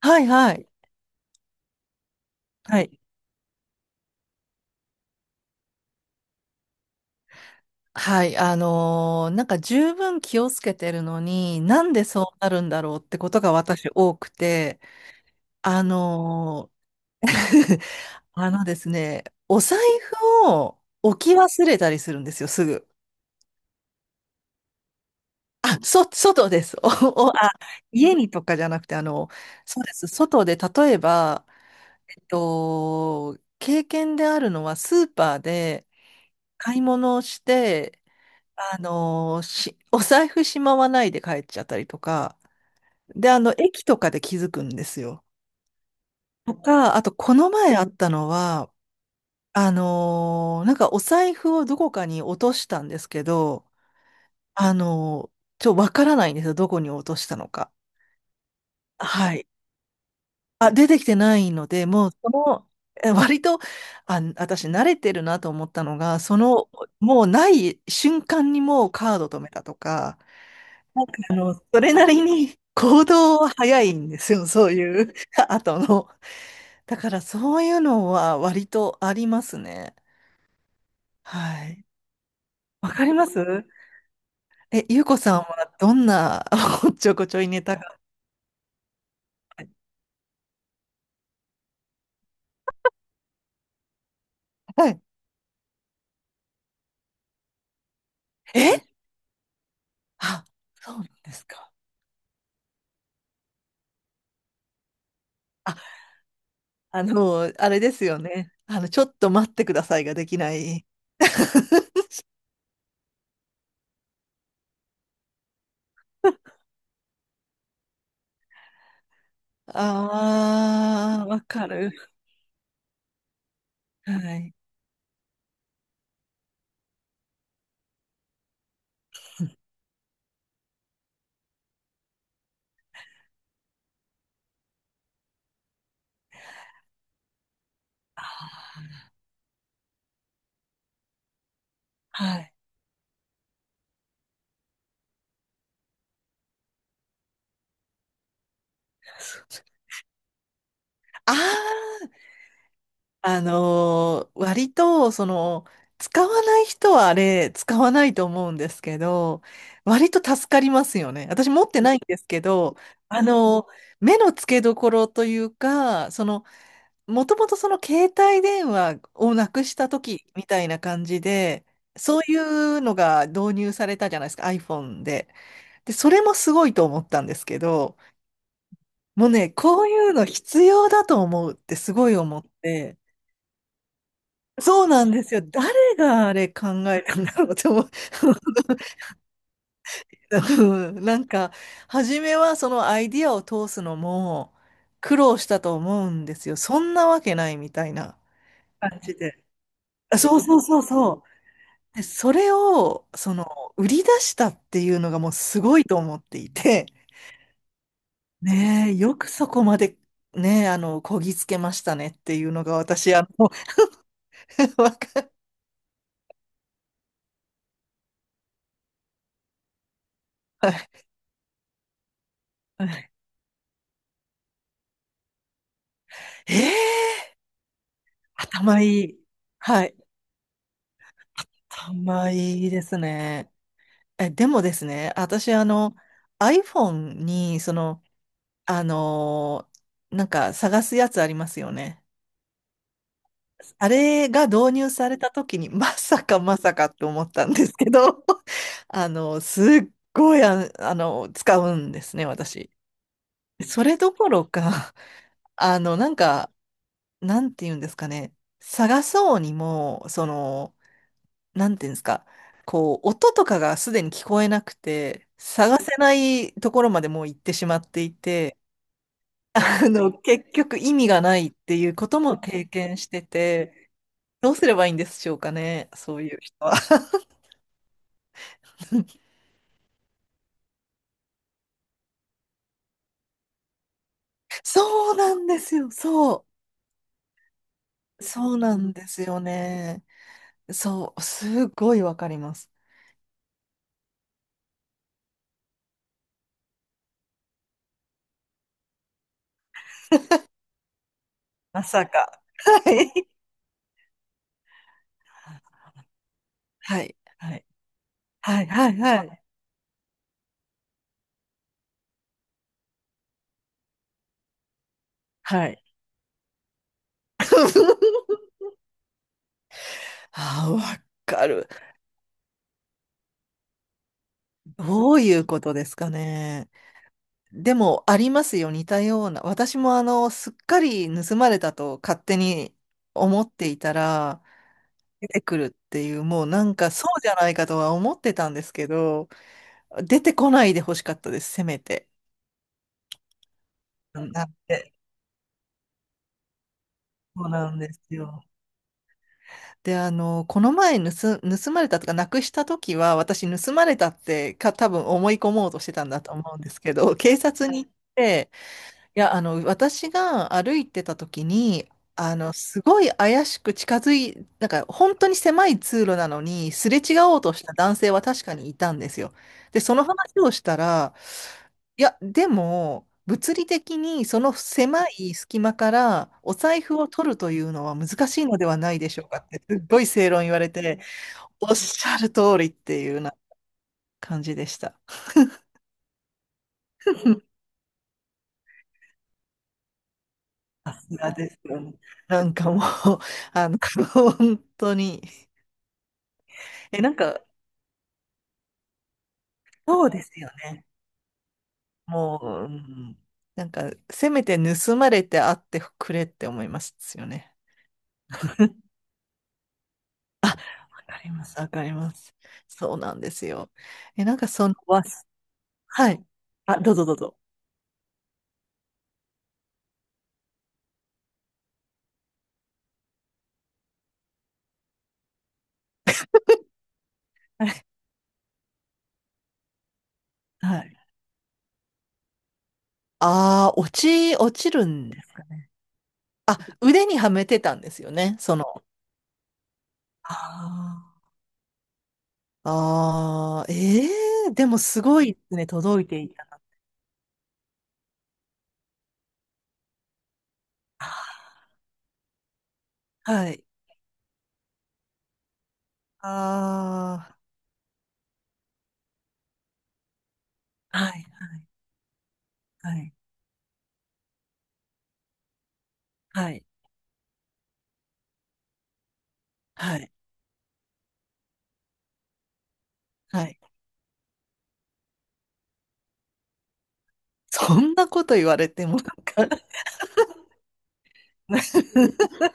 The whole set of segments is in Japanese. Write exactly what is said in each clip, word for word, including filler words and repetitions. はいはい。はい。はい。あのーなんか十分気をつけてるのに、なんでそうなるんだろうってことが私多くて、あのー あのですね、お財布を置き忘れたりするんですよ、すぐ。あ、そ、外です。お、お、あ、家にとかじゃなくて、あの、そうです。外で、例えば、えっと、経験であるのはスーパーで買い物をして、あのーし、お財布しまわないで帰っちゃったりとか、で、あの、駅とかで気づくんですよ。とか、あと、この前あったのは、あのーなんかお財布をどこかに落としたんですけど、あのーちょ、わからないんですよ。どこに落としたのか。はい。あ、出てきてないので、もう、その、え割と、あ、私慣れてるなと思ったのが、その、もうない瞬間にもうカード止めたとか、あの、それなりに行動は早いんですよ、そういう 後の。だからそういうのは割とありますね。はい。わかります。え、ゆうこさんはどんな おっちょこちょいネタが。はい。えあ、そうなんですか。あ、あの、あれですよね。あの、ちょっと待ってくださいができない。ああ、わかる。はい。あーはい。ああ。あのー割と、その、使わない人はあれ、使わないと思うんですけど、割と助かりますよね。私持ってないんですけど、あのー目の付けどころというか、その、もともとその携帯電話をなくした時みたいな感じで、そういうのが導入されたじゃないですか、iPhone で。で、それもすごいと思ったんですけど、もうね、こういうの必要だと思うってすごい思って、そうなんですよ。誰があれ考えたんだろうと思う。うん、なんか、初めはそのアイディアを通すのも苦労したと思うんですよ。そんなわけないみたいな感じで。あそうそうそうそう。で、それを、その、売り出したっていうのがもうすごいと思っていて、ねえ、よくそこまで、ねえ、あの、こぎつけましたねっていうのが私、あの、わか、はい。えー頭いい。はい。頭いいですね。え、でもですね、私、あの、iPhone に、その、あのーなんか探すやつありますよね。あれが導入された時に、まさかまさかと思ったんですけど、あの、すっごい、あ、あの、使うんですね、私。それどころか、あの、なんか、なんて言うんですかね、探そうにも、その、なんていうんですか、こう、音とかがすでに聞こえなくて、探せないところまでもう行ってしまっていて、あの、結局意味がないっていうことも経験してて、どうすればいいんでしょうかね、そういう人は。そうなんですよ、そう。そうなんですよね。そう、すごいわかります。まさか。はい。はい。はい。はい。はい。はい。はい。ああ、わかる。どういうことですかね。でも、ありますよ、似たような。私も、あの、すっかり盗まれたと勝手に思っていたら、出てくるっていう、もうなんかそうじゃないかとは思ってたんですけど、出てこないでほしかったです、せめて。なんて。そうなんですよ。で、あの、この前盗、盗まれたとか、なくした時は、私、盗まれたってか、多分思い込もうとしてたんだと思うんですけど、警察に行って、いや、あの、私が歩いてた時に、あの、すごい怪しく近づい、なんか本当に狭い通路なのに、すれ違おうとした男性は確かにいたんですよ。で、その話をしたら、いや、でも、物理的にその狭い隙間からお財布を取るというのは難しいのではないでしょうかって、すっごい正論言われて、おっしゃる通りっていうような感じでした。さすがですよね。なんかもう、あの、本当に。え、なんか、そうですよね。もう、うん、なんか、せめて盗まれてあってくれって思いますよね。あ、わかります、わかります。そうなんですよ。え、なんかその、わす、はい。あ、どうぞどうぞ。はい。はい。ああ、落ち、落ちるんです。あ、腕にはめてたんですよね、その。あーあー、あええでもすごいですね、届いていた。はい。ああ、はい、はい、はい、はい。はい。はい。そんなこと言われてもなんか。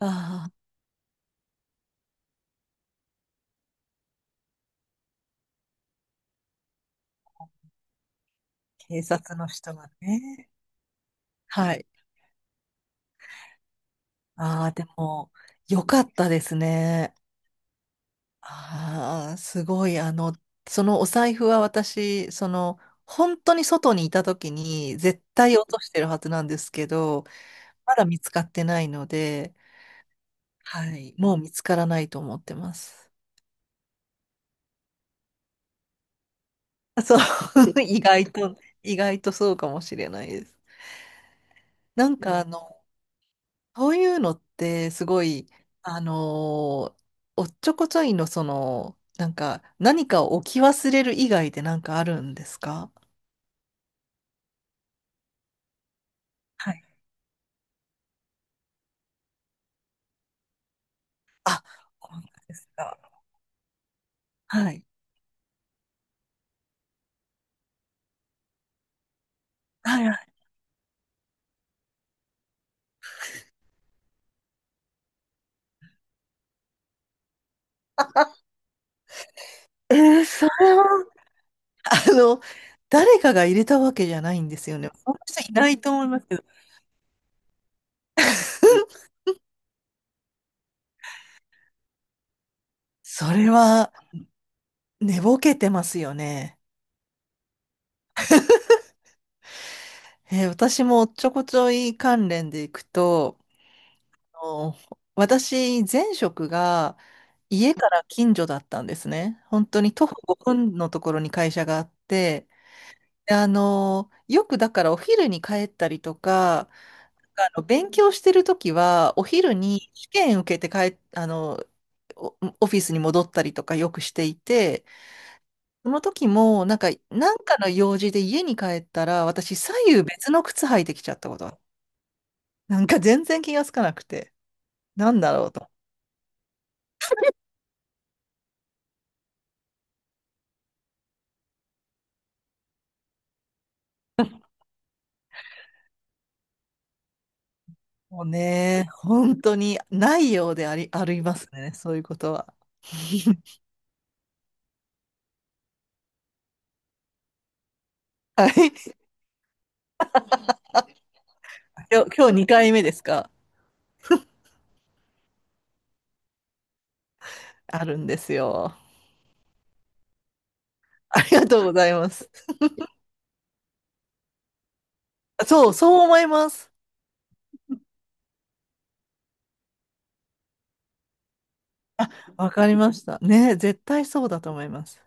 ああ、警察の人がね。はい。ああ、でも、よかったですね。ああ、すごい。あの、そのお財布は私、その、本当に外にいた時に絶対落としてるはずなんですけど、まだ見つかってないので、はい。もう見つからないと思ってます。そう、意外と、意外とそうかもしれないです。なんかあの、そういうのってすごい、あのーおっちょこちょいのその、なんか何かを置き忘れる以外でなんかあるんですか？はい。あ、こんなですか？はいはいはい。えー、それは、あの、誰かが入れたわけじゃないんですよね。そんな人いないと思いますけど。それは寝ぼけてますよね。えー私もおっちょこちょい関連でいくと、の私、前職が家から近所だったんですね。本当に徒歩ごふんのところに会社があって、であの、よくだからお昼に帰ったりとか、あの勉強してるときはお昼に試験受けて帰っ、あの、おオフィスに戻ったりとかよくしていて、その時もなんか、なんかの用事で家に帰ったら私左右別の靴履いてきちゃったことがある。なんか全然気がつかなくて、なんだろうと。もうね、本当にないようであり、ありますね、そういうことは。はい。今日、今日にかいめですか？あるんですよ。ありがとうございます。そう、そう思います。わかりました。ね、絶対そうだと思います。